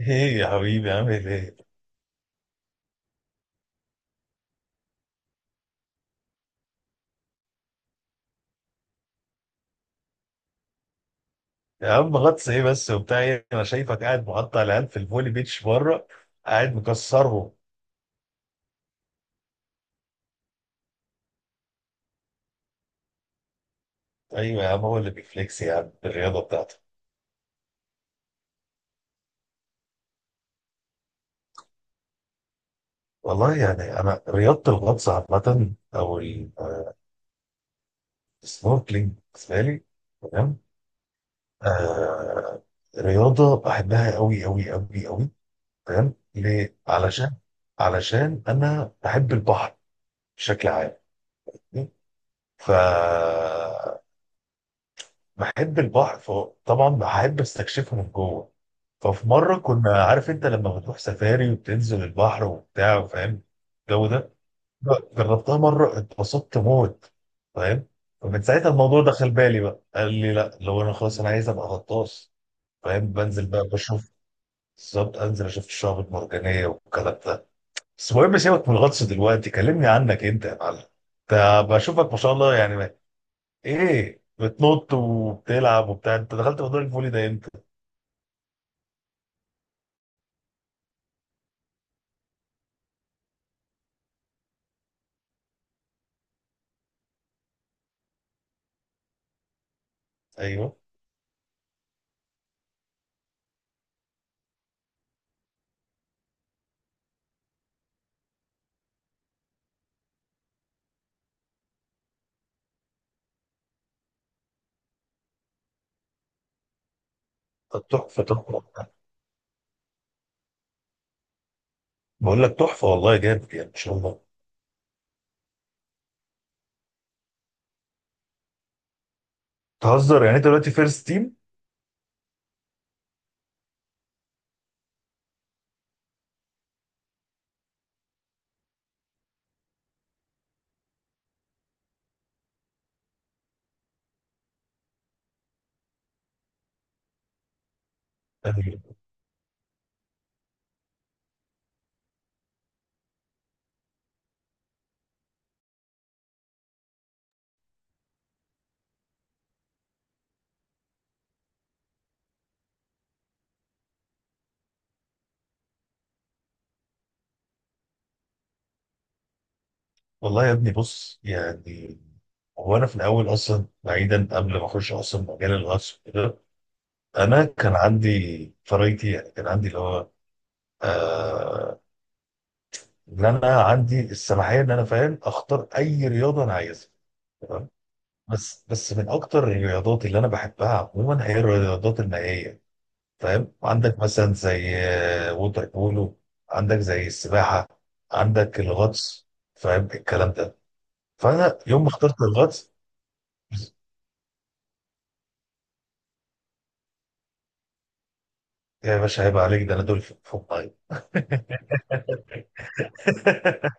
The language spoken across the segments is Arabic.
ايه يا حبيبي عامل ايه؟ يا عم غطس ايه بس وبتاع ايه؟ انا شايفك قاعد مقطع العيال في الفولي بيتش بره، قاعد مكسرهم. ايوه يا عم، هو اللي بيفليكس يا عم بالرياضه بتاعته. والله يعني انا رياضه الغطس عامه السنوركلينج بالنسبه لي، تمام. آه، رياضه بحبها قوي قوي قوي قوي، تمام. ليه؟ علشان، علشان انا بحب البحر بشكل عام، ف بحب البحر فطبعا بحب استكشفه من جوه. ففي مره كنا عارف انت لما بتروح سفاري وبتنزل البحر وبتاع، فاهم الجو ده، جربتها مره اتبسطت موت، فاهم. فمن ساعتها الموضوع دخل بالي بقى، قال لي لا، لو انا خلاص انا عايز ابقى غطاس، فاهم. بنزل بقى بشوف بالظبط، انزل اشوف الشعب المرجانيه والكلام ده. بس المهم سيبك من الغطس دلوقتي، كلمني عنك انت يا معلم. ده بشوفك ما شاء الله يعني، ايه بتنط وبتلعب وبتاع، انت دخلت موضوع الفولي ده امتى؟ ايوه. طب تحفه تحفه، بقول لك تحفه والله، جامد يعني ان شاء الله. تهزر يعني، انت دلوقتي فيرست تيم؟ والله يا ابني بص يعني، هو انا في الاول اصلا، بعيدا قبل ما اخش اصلا مجال الغطس وكده، انا كان عندي فرايتي، يعني كان عندي اللي هو، آه ان انا عندي السماحيه ان انا، فاهم، اختار اي رياضه انا عايزها. بس من اكتر الرياضات اللي انا بحبها عموما هي الرياضات المائيه، فاهم. عندك مثلا زي ووتر بولو، عندك زي السباحه، عندك الغطس، فاهم الكلام ده. فانا يوم ما اخترت الغطس، يا باشا هيبقى عليك، ده انا دول فوق فوق الميه.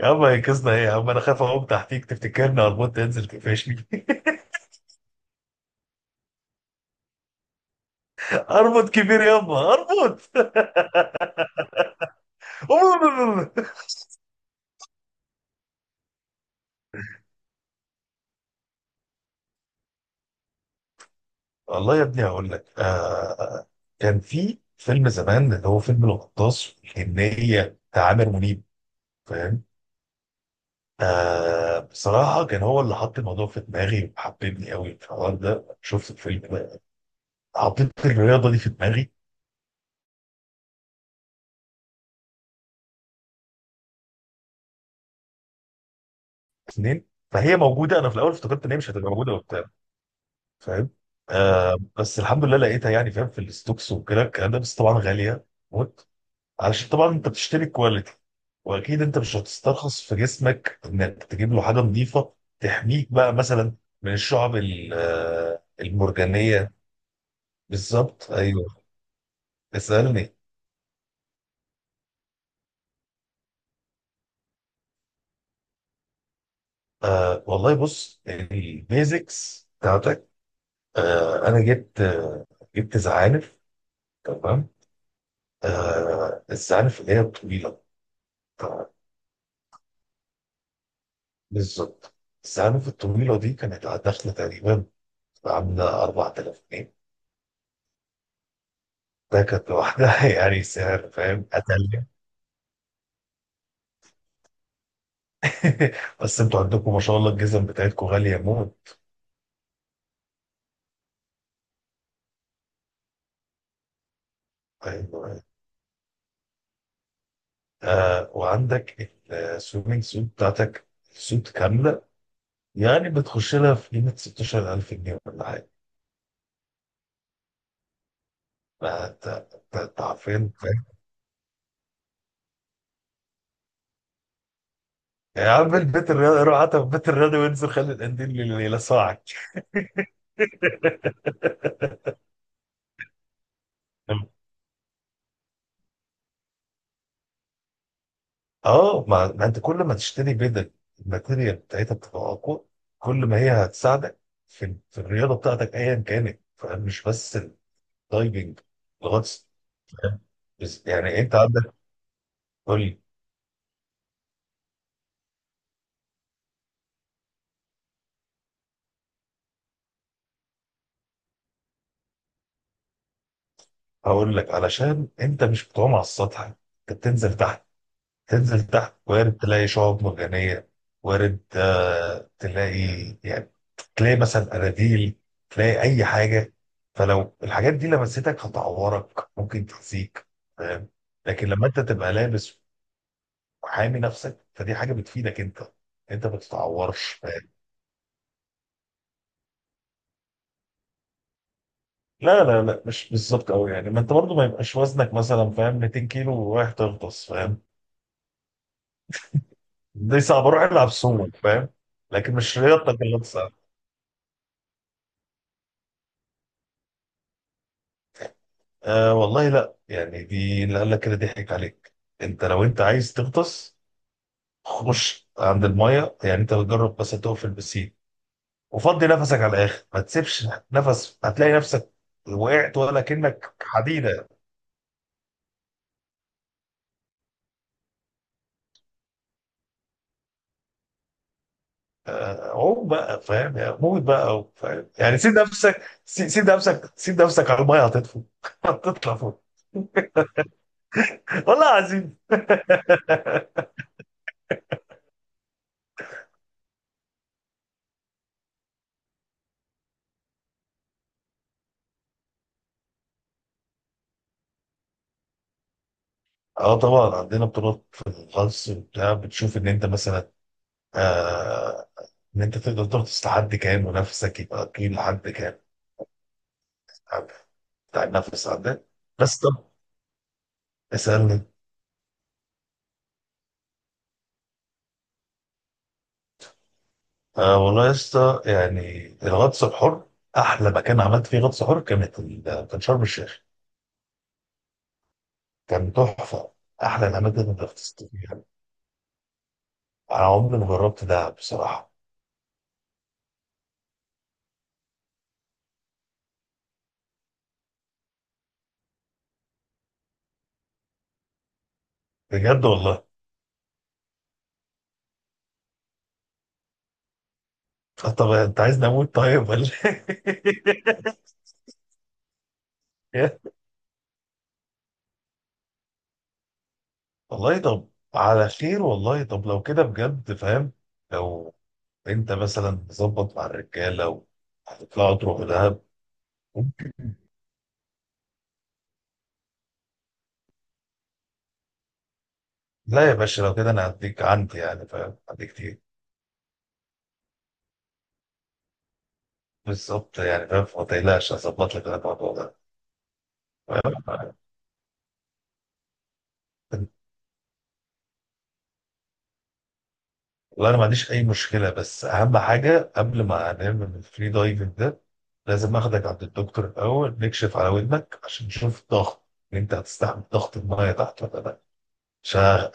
يا عم هينقذنا ايه يا عم، انا خايف اقوم تحتيك تفتكرني اربط، تنزل تقفشني. اربط كبير يابا اربط. والله يا ابني هقول لك، كان في فيلم زمان اللي هو فيلم الغطاس والجنية بتاع عامر منيب، فاهم. آه، بصراحة كان هو اللي حط الموضوع في دماغي وحببني قوي في الحوار ده، شفت الفيلم ده حطيت الرياضة دي في دماغي. اثنين، فهي موجودة، أنا في الأول افتكرت إن هي مش هتبقى موجودة وبتاع، فاهم. آه، بس الحمد لله لقيتها يعني، فاهم، في الستوكس وكده الكلام ده، بس طبعا غالية موت، علشان طبعا انت بتشتري كواليتي، واكيد انت مش هتسترخص في جسمك انك تجيب له حاجه نظيفه تحميك بقى مثلا من الشعب المرجانيه. بالظبط، ايوه. اسالني. آه والله، بص البيزكس بتاعتك، انا جبت، جبت زعانف، تمام. آه، الزعانف اللي هي الطويله، تمام. بالظبط، الزعانف الطويله دي كانت داخله تقريبا عامله 4000 جنيه. ده كانت لوحدها يعني سعر، فاهم، قتل. بس انتوا عندكم ما شاء الله الجزم بتاعتكم غالية موت، فاهم؟ آه، وعندك السويمنج سوت بتاعتك، سوت كاملة، يعني بتخش لها في قيمة 16000 جنيه ولا حاجة. فانت انت أنت حرفيا فاهم. يا عم البيت الرياضي، روح حتى في البيت الرياضي وانزل خلي القنديل اللي يلسعك. اه، ما انت كل ما تشتري بدل، الماتيريال بتاعتها بتبقى اقوى، كل ما هي هتساعدك في في الرياضه بتاعتك ايا كانت. فمش بس الدايفنج، الغطس، فاهم؟ بس يعني انت عندك، قول لي. هقول لك، علشان انت مش بتعوم على السطح، انت بتنزل تحت. تنزل تحت، وارد تلاقي شعاب مرجانية، وارد تلاقي يعني، تلاقي مثلا أناديل، تلاقي أي حاجة. فلو الحاجات دي لمستك هتعورك، ممكن تأذيك، فاهم. لكن لما أنت تبقى لابس وحامي نفسك، فدي حاجة بتفيدك أنت، أنت ما بتتعورش، فاهم. لا لا لا، مش بالظبط قوي يعني، ما أنت برضه ما يبقاش وزنك مثلا فاهم 200 كيلو ورايح تغطس، فاهم. دي صعبة، روح العب سومو، فاهم. لكن مش رياضتك اللي انت، آه والله لا يعني، دي اللي قال لك كده ضحك عليك. انت لو انت عايز تغطس، خش عند المايه، يعني انت بتجرب بس تقف في البسين وفضي نفسك على الاخر، ما تسيبش نفس، هتلاقي نفسك وقعت ولا كأنك حديدة. آه، عوم بقى فاهم يعني، موت بقى فاهم يعني، سيب نفسك سيب نفسك على المايه، هتطفو. هتطلع فوق، والله العظيم. اه طبعا عندنا بطولات في الغطس وبتاع، بتشوف ان انت مثلا، آه، ان انت تقدر تغطس لحد كام، ونفسك يبقى طويل لحد كام، عارف، بتاع النفس عندك. بس طب، اسالني. آه والله يا اسطى، يعني الغطس الحر، احلى مكان عملت فيه غطس حر كانت كان شرم الشيخ، كان تحفه، احلى الاماكن اللي غطست فيها. انا عمري ما جربت ده بصراحه. بجد والله. آه، طب انت عايزني اموت طيب ولا إيه؟ والله طب على خير. والله طب لو كده بجد، فاهم، لو انت مثلا تظبط مع الرجاله وهتطلعوا تروحوا دهب، ممكن. لا يا باشا لو كده انا هديك عندي، يعني فاهم، عندي كتير. بالظبط، يعني فاهم، فما تقلقش، هظبط لك أنا الموضوع ده، فاهم. والله انا ما عنديش اي مشكله، بس اهم حاجه قبل ما نعمل الفري دايفنج ده، لازم اخدك عند الدكتور الاول نكشف على ودنك، عشان نشوف الضغط ان انت هتستحمل ضغط المايه تحت ولا لا. عشان،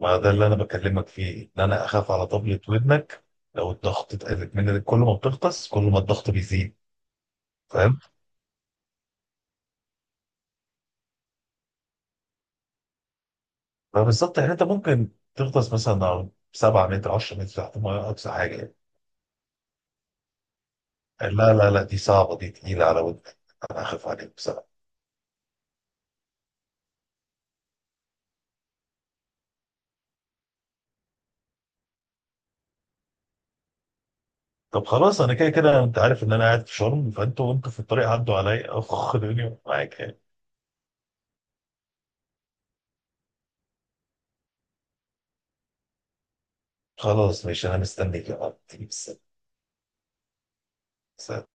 ما ده اللي انا بكلمك فيه، ان انا اخاف على طبلة ودنك، لو الضغط اتقلت منك، كل ما بتغطس كل ما الضغط بيزيد، فاهم. فبالظبط يعني، انت ممكن تغطس مثلا على 7 متر 10 متر تحت الميه اقصى حاجه يعني. لا لا لا، دي صعبه، دي تقيله على ودنك، انا اخاف عليك بصراحه. طب خلاص، انا كده كده انت عارف ان انا قاعد في شرم، فانتوا وانتوا في الطريق عدوا عليا، اخ دنيا معاك يعني. خلاص ماشي، انا مستنيك يا عم. سلام.